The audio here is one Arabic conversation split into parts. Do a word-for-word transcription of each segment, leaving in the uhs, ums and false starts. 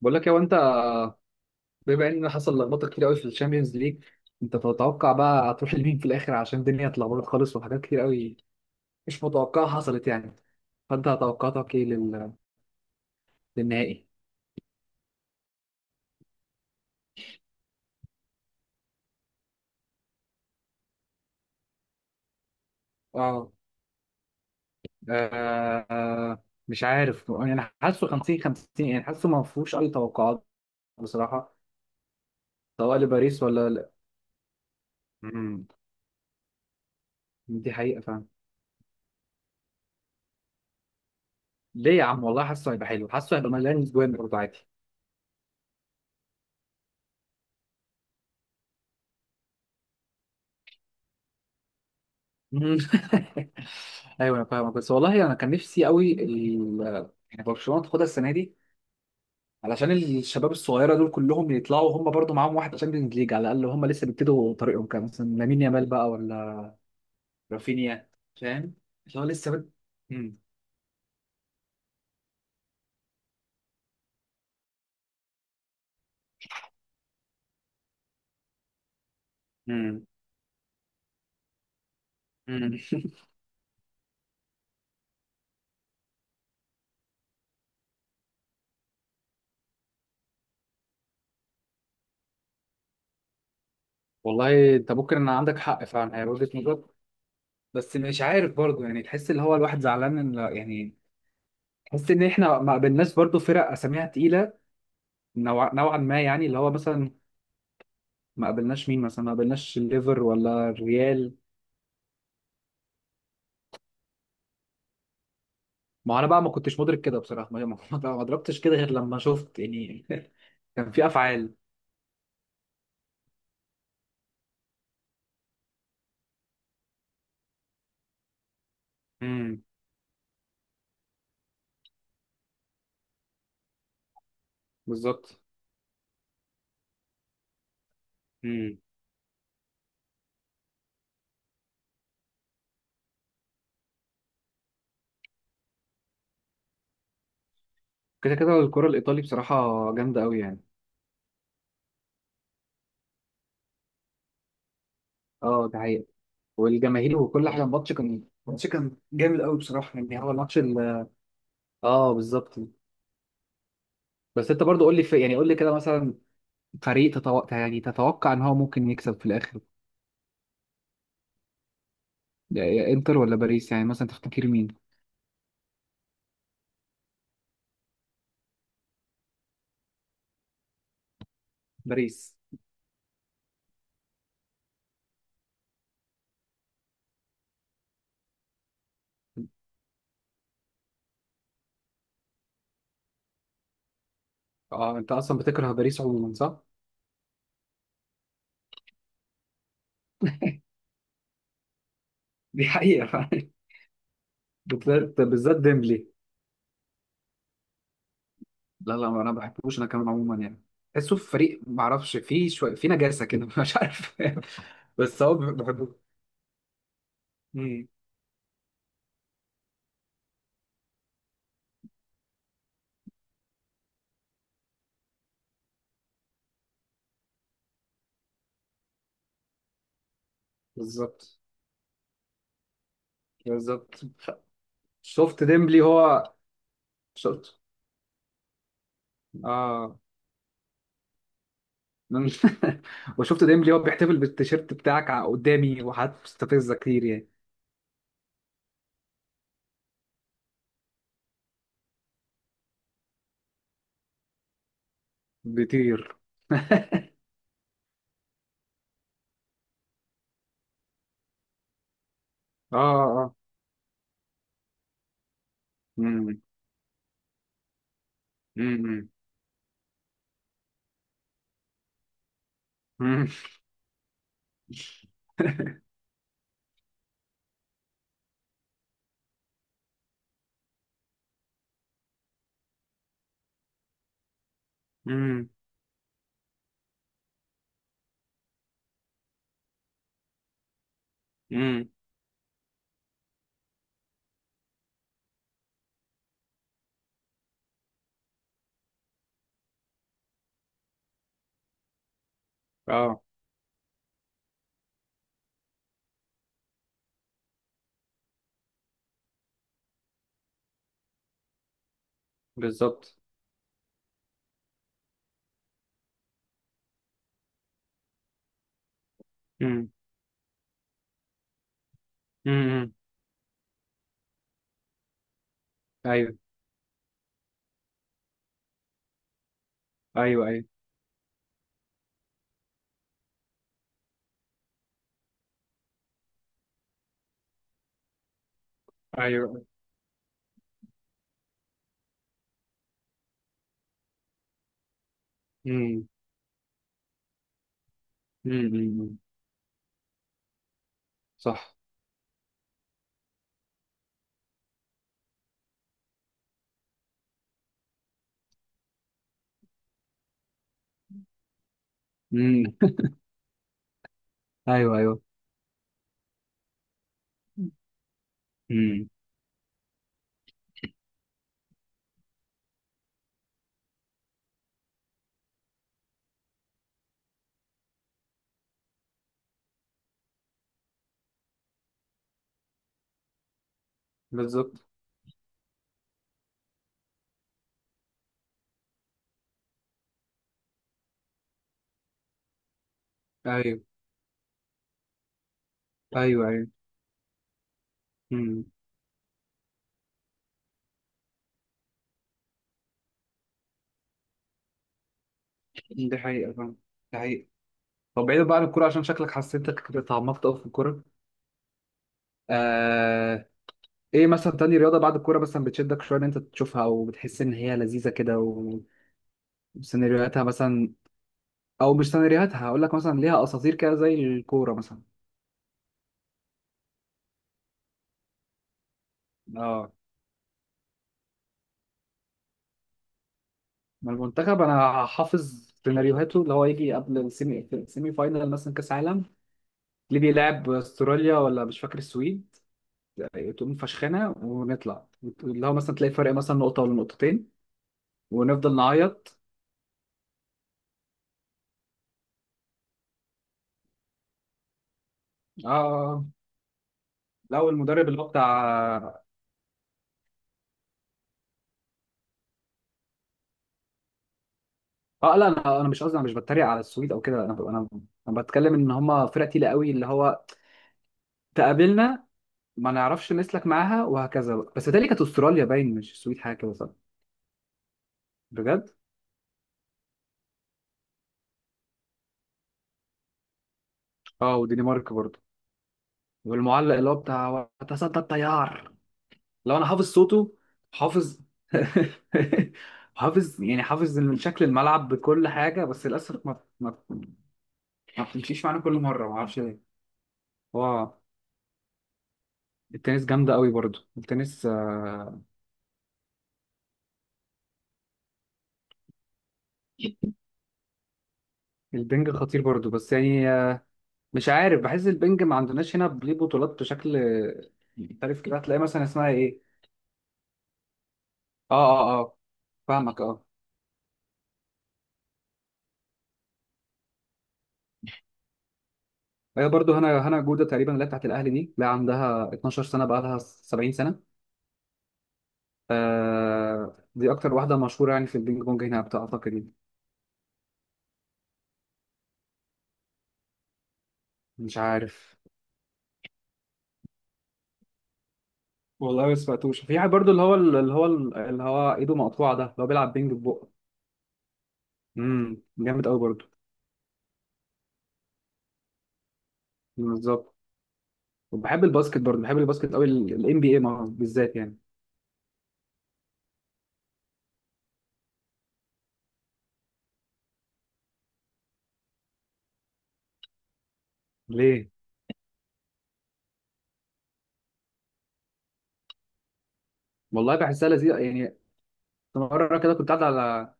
بقول لك يا انت، بما ان حصل لخبطه كتير قوي في الشامبيونز ليج. انت تتوقع بقى هتروح لمين في الاخر؟ عشان الدنيا اتلخبطت خالص وحاجات كتير قوي مش متوقعه حصلت يعني. فانت توقعاتك ايه لل... للنهائي؟ اه آه، آه، مش عارف، يعني حاسه خمسين خمسين، يعني حاسه ما فيهوش اي توقعات بصراحه، سواء لباريس ولا لا. مم. دي حقيقه فعلا. ليه يا عم، والله حاسه هيبقى حلو، حاسه هيبقى مليان جوان برضه عادي. مم. ايوه انا فاهمك، بس والله انا كان نفسي قوي ال- يعني برشلونه تاخدها السنه دي، علشان الشباب الصغيره دول كلهم يطلعوا هم برضو معاهم واحد تشامبيونز ليج على الاقل، هم لسه بيبتدوا طريقهم، كان مثلا لامين يامال بقى ولا رافينيا. فاهم. اللي هو لسه بد... مم. مم. مم. والله انت ممكن ان عندك حق فعلا، هي وجهه نظر. بس مش عارف برضو، يعني تحس اللي هو الواحد زعلان ان يعني، تحس ان احنا ما قابلناش برضو فرق اساميها تقيله. نوع... نوعا ما، يعني اللي هو مثلا ما قابلناش مين؟ مثلا ما قابلناش الليفر ولا الريال. ما هو انا بقى ما كنتش مدرك كده بصراحه، ما ما ما ضربتش كده غير لما شفت يعني. كان في افعال. امم. بالظبط. امم. كده كده الكره الايطالي بصراحه جامده قوي يعني. اه ده حقيقي. والجماهير وكل حاجه، الماتش كان الماتش كان جامد قوي بصراحه، يعني هو الماتش ال-. اه بالظبط. بس انت برضو قول لي في... يعني قول لي كده، مثلا فريق تتوقع، يعني تتوقع ان هو ممكن يكسب في الاخر؟ يا يا انتر ولا باريس؟ يعني مثلا تفتكر مين؟ باريس. اه انت اصلا بتكره باريس عموما، صح؟ دي حقيقة فعلا. بالذات بالذات ديمبلي. لا لا، ما انا ما بحبوش انا كمان عموما يعني، تحسه في فريق ما اعرفش فيه شوية في نجاسة كده، مش عارف. بس هو بحبه. امم. بالظبط. بالظبط شفت ديمبلي هو. شفت. اه. من- وشفت ديمبلي هو بيحتفل بالتيشيرت بتاعك ع- قدامي وحاجات مستفزة كتير يعني. بيطير. اه اه. امم. امم. امم. امم. اه بالظبط. امم. امم. ايوه. ايوه ايوه. ايوه. امم. امم صح. امم. ايوه ايوه. امم. بالظبط. ايوه ايوه. ايوه. امم. دي حقيقة فعلا. دي حقيقة. طب بعيدا بقى عن الكورة، عشان شكلك حسيتك اتعمقت قوي في الكورة. آه... ايه مثلا تاني رياضة بعد الكورة مثلا بتشدك شوية ان انت تشوفها، او بتحس ان هي لذيذة كده و- وسيناريوهاتها مثلا، او مش سيناريوهاتها، هقول لك مثلا ليها اساطير كده زي الكورة مثلا؟ اه ما المنتخب انا حافظ سيناريوهاته، اللي هو يجي قبل السيمي السيمي فاينال مثلا كاس عالم، اللي بيلعب استراليا ولا مش فاكر السويد، تقوم فشخنا ونطلع، اللي هو مثلا تلاقي فرق مثلا نقطه ولا نقطتين، ونفضل نعيط. اه. لو المدرب اللي هو بتاع. اه لا، انا انا مش قصدي، انا مش بتريق على السويد او كده، انا انا انا بتكلم ان هم فرقه تقيله قوي اللي هو تقابلنا، ما نعرفش نسلك معاها وهكذا بقى. بس تالي كانت استراليا باين، مش السويد حاجه كده، صح؟ بجد. اه والدنمارك برضه. والمعلق اللي هو بتاع وتصدى التيار، لو انا حافظ صوته، حافظ، حافظ يعني، حافظ من شكل الملعب بكل حاجه، بس للاسف ما ما ما بتمشيش معانا كل مره ما اعرفش ليه. هو التنس جامده قوي برضو، التنس آه،. البنج خطير برضو، بس يعني آه، مش عارف، بحس البنج ما عندناش هنا ليه بطولات بشكل محترف كده، هتلاقي مثلا اسمها ايه. اه اه. اه فاهمك. اه. هي برضو هنا هنا جوده تقريبا، اللي هي بتاعت الاهلي دي، لا عندها اتناشر سنه بقى، لها سبعين سنه. آه دي اكتر واحده مشهوره يعني في البينج بونج هنا اعتقد يعني. مش عارف. والله ما سمعتوش. في واحد برضو اللي هو اللي هو اللي هو ايده مقطوعه، ده اللي هو بيلعب بينج ببقه. امم جامد قوي برضو. بالظبط. وبحب الباسكت برضو، بحب الباسكت قوي، الام بي اي بالذات يعني. ليه؟ والله بحسها لذيذه يعني. مره كده كنت قاعد على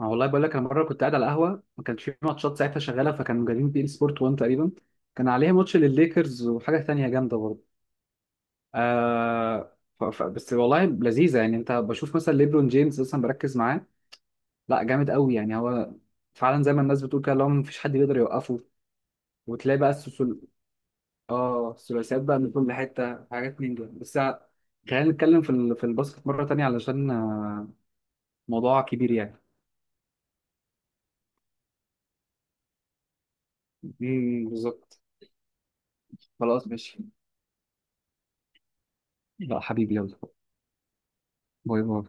آه، والله بقول لك انا مره كنت قاعد على قهوه ما كانش في ماتشات ساعتها شغاله، فكانوا جايبين بي ان سبورت وان تقريبا، كان عليها ماتش للليكرز وحاجه ثانيه جامده برضو. آه ف... ف... بس والله لذيذه يعني، انت بشوف مثلا ليبرون جيمس اصلا بركز معاه. لا جامد قوي يعني هو، فعلا زي ما الناس بتقول كده، اللي هو مفيش حد بيقدر يوقفه. وتلاقي بقى السلسل... اه الثلاثيات بقى من كل حته حاجات، من دول بس خلينا نتكلم في ال... في الباسكت مره تانية علشان آه، موضوع كبير يعني. مم، بالظبط. خلاص ماشي. لا حبيبي يلا. باي باي.